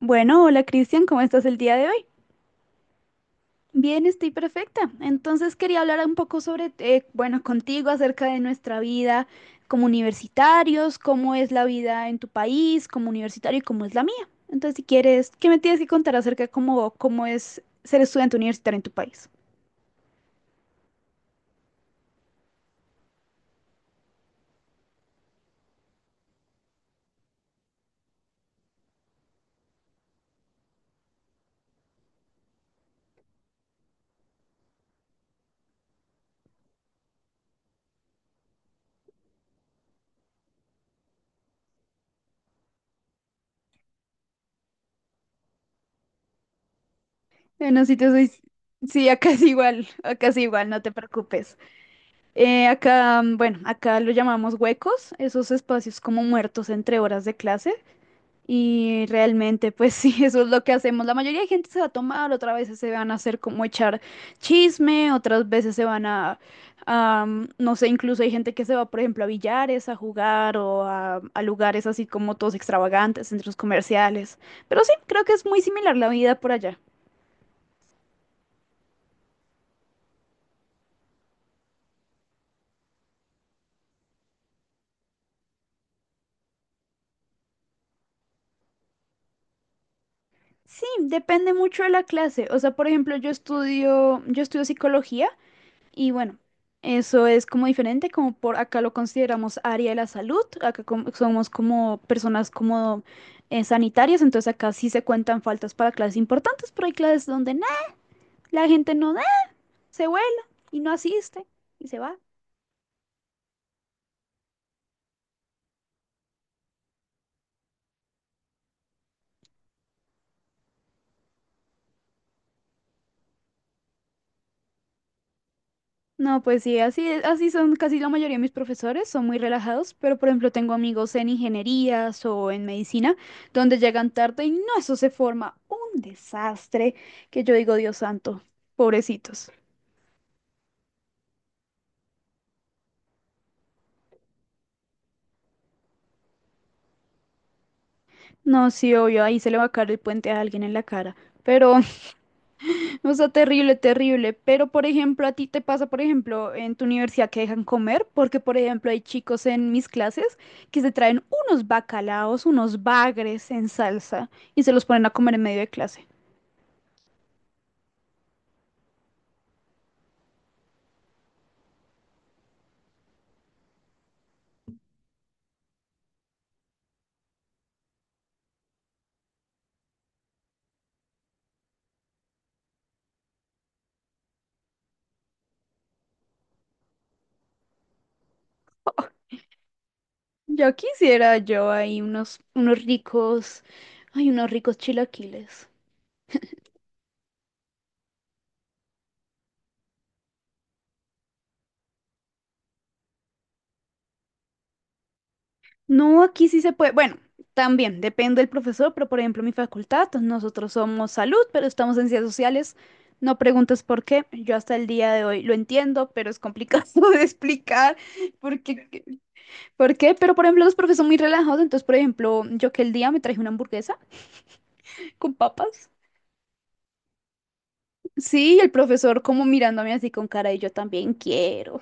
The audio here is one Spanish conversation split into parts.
Bueno, hola Cristian, ¿cómo estás el día de hoy? Bien, estoy perfecta. Entonces quería hablar un poco sobre, bueno, contigo acerca de nuestra vida como universitarios, cómo es la vida en tu país como universitario y cómo es la mía. Entonces, si quieres, ¿qué me tienes que contar acerca de cómo es ser estudiante universitario en tu país? Bueno, si te soy... Sí, acá es igual, no te preocupes. Acá, bueno, acá lo llamamos huecos, esos espacios como muertos entre horas de clases. Y realmente, pues sí, eso es lo que hacemos. La mayoría de gente se va a tomar, otras veces se van a hacer como echar chisme, otras veces se van a, no sé, incluso hay gente que se va, por ejemplo, a billares, a jugar o a lugares así como todos extravagantes, centros comerciales. Pero sí, creo que es muy similar la vida por allá. Sí, depende mucho de la clase. O sea, por ejemplo, yo estudio psicología. Y bueno, eso es como diferente, como por acá lo consideramos área de la salud, acá como- somos como personas como sanitarias, entonces acá sí se cuentan faltas para clases importantes, pero hay clases donde nada, la gente no da, se vuela y no asiste y se va. No, pues sí, así es- así son casi la mayoría de mis profesores, son muy relajados, pero por ejemplo tengo amigos en ingenierías o en medicina, donde llegan tarde y no, eso se forma un desastre que yo digo, Dios santo, pobrecitos. No, sí, obvio, ahí se le va a caer el puente a alguien en la cara. Pero, o sea, terrible, terrible. Pero, por ejemplo, a ti te pasa, por ejemplo, en tu universidad que dejan comer, porque, por ejemplo, hay chicos en mis clases que se traen unos bacalaos, unos bagres en salsa y se los ponen a comer en medio de clase. Ya quisiera yo ahí unos, unos ricos, ay, unos ricos chilaquiles. No, aquí sí se puede. Bueno, también depende del profesor, pero por ejemplo, mi facultad, pues, nosotros somos salud, pero estamos en ciencias sociales. No preguntes por qué. Yo hasta el día de hoy lo entiendo, pero es complicado de explicar por qué, por qué. Pero por ejemplo, los profes son muy relajados. Entonces, por ejemplo, yo que el día me traje una hamburguesa con papas. Sí, el profesor como mirándome así con cara y yo también quiero.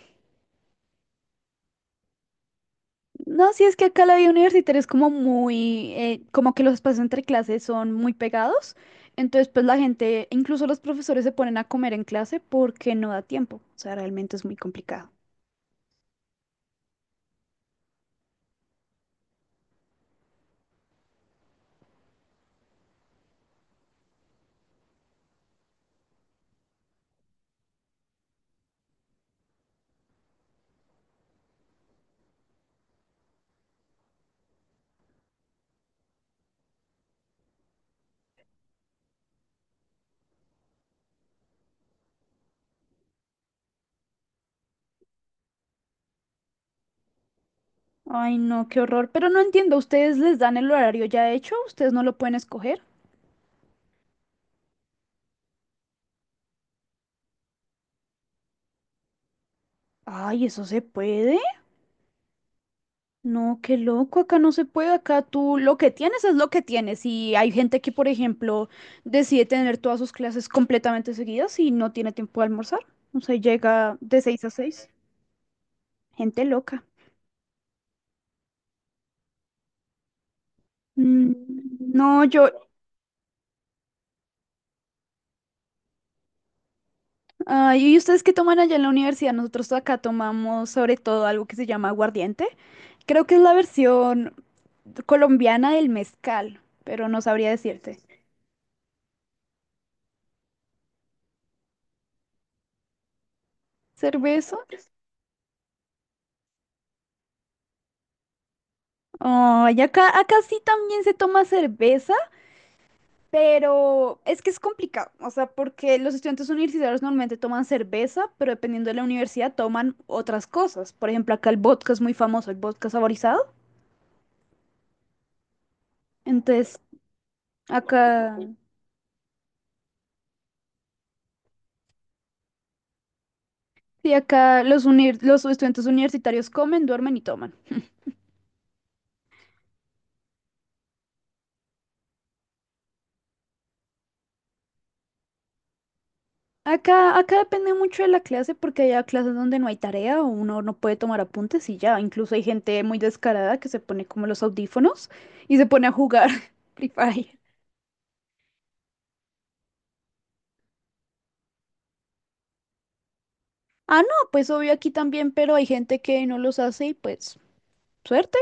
No, sí es que acá la vida universitaria es como muy, como que los espacios entre clases son muy pegados, entonces pues la gente, incluso los profesores se ponen a comer en clase porque no da tiempo, o sea, realmente es muy complicado. Ay, no, qué horror, pero no entiendo, ¿ustedes les dan el horario ya hecho? ¿Ustedes no lo pueden escoger? Ay, ¿eso se puede? No, qué loco, acá no se puede, acá tú lo que tienes es lo que tienes y hay gente que, por ejemplo, decide tener todas sus clases completamente seguidas y no tiene tiempo de almorzar, o sea, llega de seis a seis gente loca. Mm, no, yo, ah, ¿y ustedes qué toman allá en la universidad? Nosotros acá tomamos sobre todo algo que se llama aguardiente, creo que es la versión colombiana del mezcal, pero no sabría decirte. ¿Cerveza? Oh, y acá, acá sí también se toma cerveza, pero es que es complicado, o sea, porque los estudiantes universitarios normalmente toman cerveza, pero dependiendo de la universidad toman otras cosas. Por ejemplo, acá el vodka es muy famoso, el vodka saborizado. Entonces, acá, sí, acá los estudiantes universitarios comen, duermen y toman. Acá, acá depende mucho de la clase porque hay clases donde no hay tarea o uno no puede tomar apuntes y ya. Incluso hay gente muy descarada que se pone como los audífonos y se pone a jugar Free Fire. Ah, no, pues obvio aquí también, pero hay gente que no los hace y pues suerte.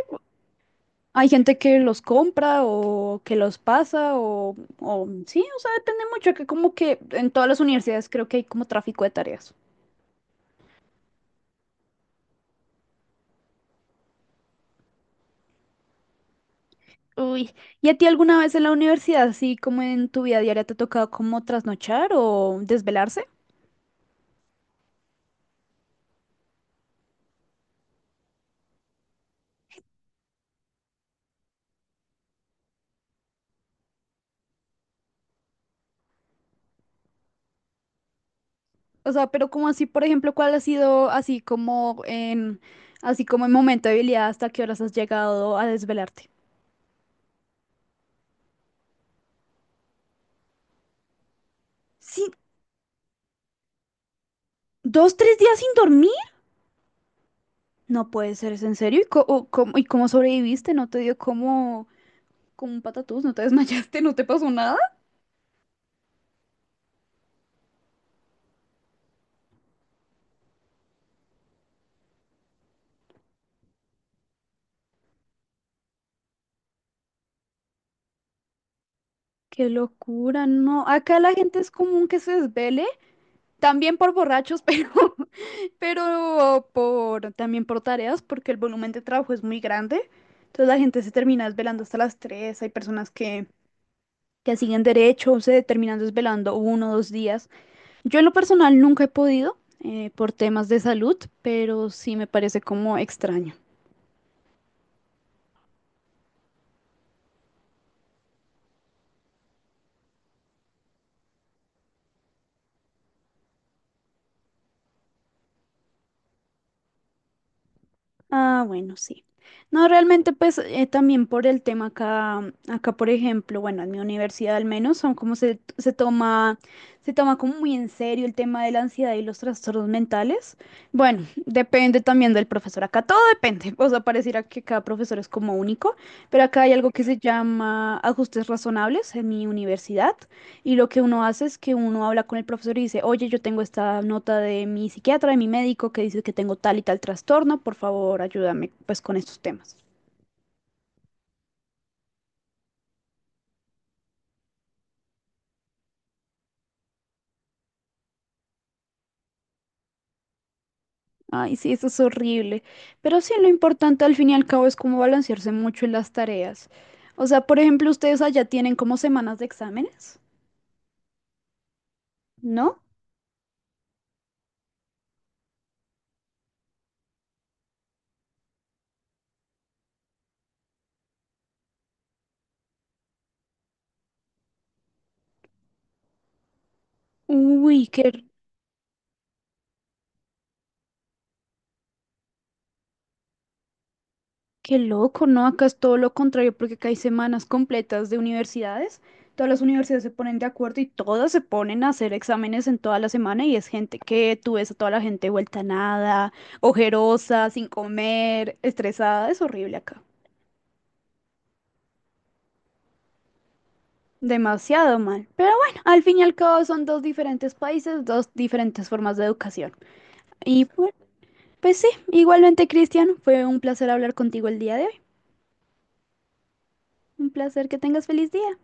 Hay gente que los compra o que los pasa o sí, o sea, depende mucho, que como que en todas las universidades creo que hay como tráfico de tareas. Uy, ¿y a ti alguna vez en la universidad, así como en tu vida diaria, te ha tocado como trasnochar o desvelarse? O sea, pero como así, por ejemplo, ¿cuál ha sido así como en momento de habilidad, hasta qué horas has llegado a desvelarte? Sí, dos, tres días sin dormir. No puede ser, ¿es en serio? ¿Y co- o cómo, y cómo sobreviviste? ¿No te dio como, como un patatús? ¿No te desmayaste? ¿No te pasó nada? Qué locura, no. Acá la gente es común que se desvele, también por borrachos, también por tareas, porque el volumen de trabajo es muy grande. Entonces la gente se termina desvelando hasta las 3. Hay personas que siguen derecho, se terminan desvelando uno o dos días. Yo en lo personal nunca he podido, por temas de salud, pero sí me parece como extraño. Ah, bueno, sí. No, realmente pues también por el tema acá, acá por ejemplo, bueno, en mi universidad al menos, son se toma como muy en serio el tema de la ansiedad y los trastornos mentales. Bueno, depende también del profesor, acá todo depende, o sea, pareciera que cada profesor es como único, pero acá hay algo que se llama ajustes razonables en mi universidad. Y lo que uno hace es que uno habla con el profesor y dice, oye, yo tengo esta nota de mi psiquiatra, de mi médico, que dice que tengo tal y tal trastorno, por favor, ayúdame pues con estos temas. Ay, sí, eso es horrible. Pero sí, lo importante al fin y al cabo es cómo balancearse mucho en las tareas. O sea, por ejemplo, ustedes allá tienen como semanas de exámenes, ¿no? Uy, qué qué loco, ¿no? Acá es todo lo contrario porque acá hay semanas completas de universidades. Todas las universidades se ponen de acuerdo y todas se ponen a hacer exámenes en toda la semana y es gente que tú ves a toda la gente vuelta a nada, ojerosa, sin comer, estresada. Es horrible acá. Demasiado mal. Pero bueno, al fin y al cabo son dos diferentes países, dos diferentes formas de educación. Y bueno, pues sí, igualmente, Cristian, fue un placer hablar contigo el día de hoy. Un placer que tengas feliz día.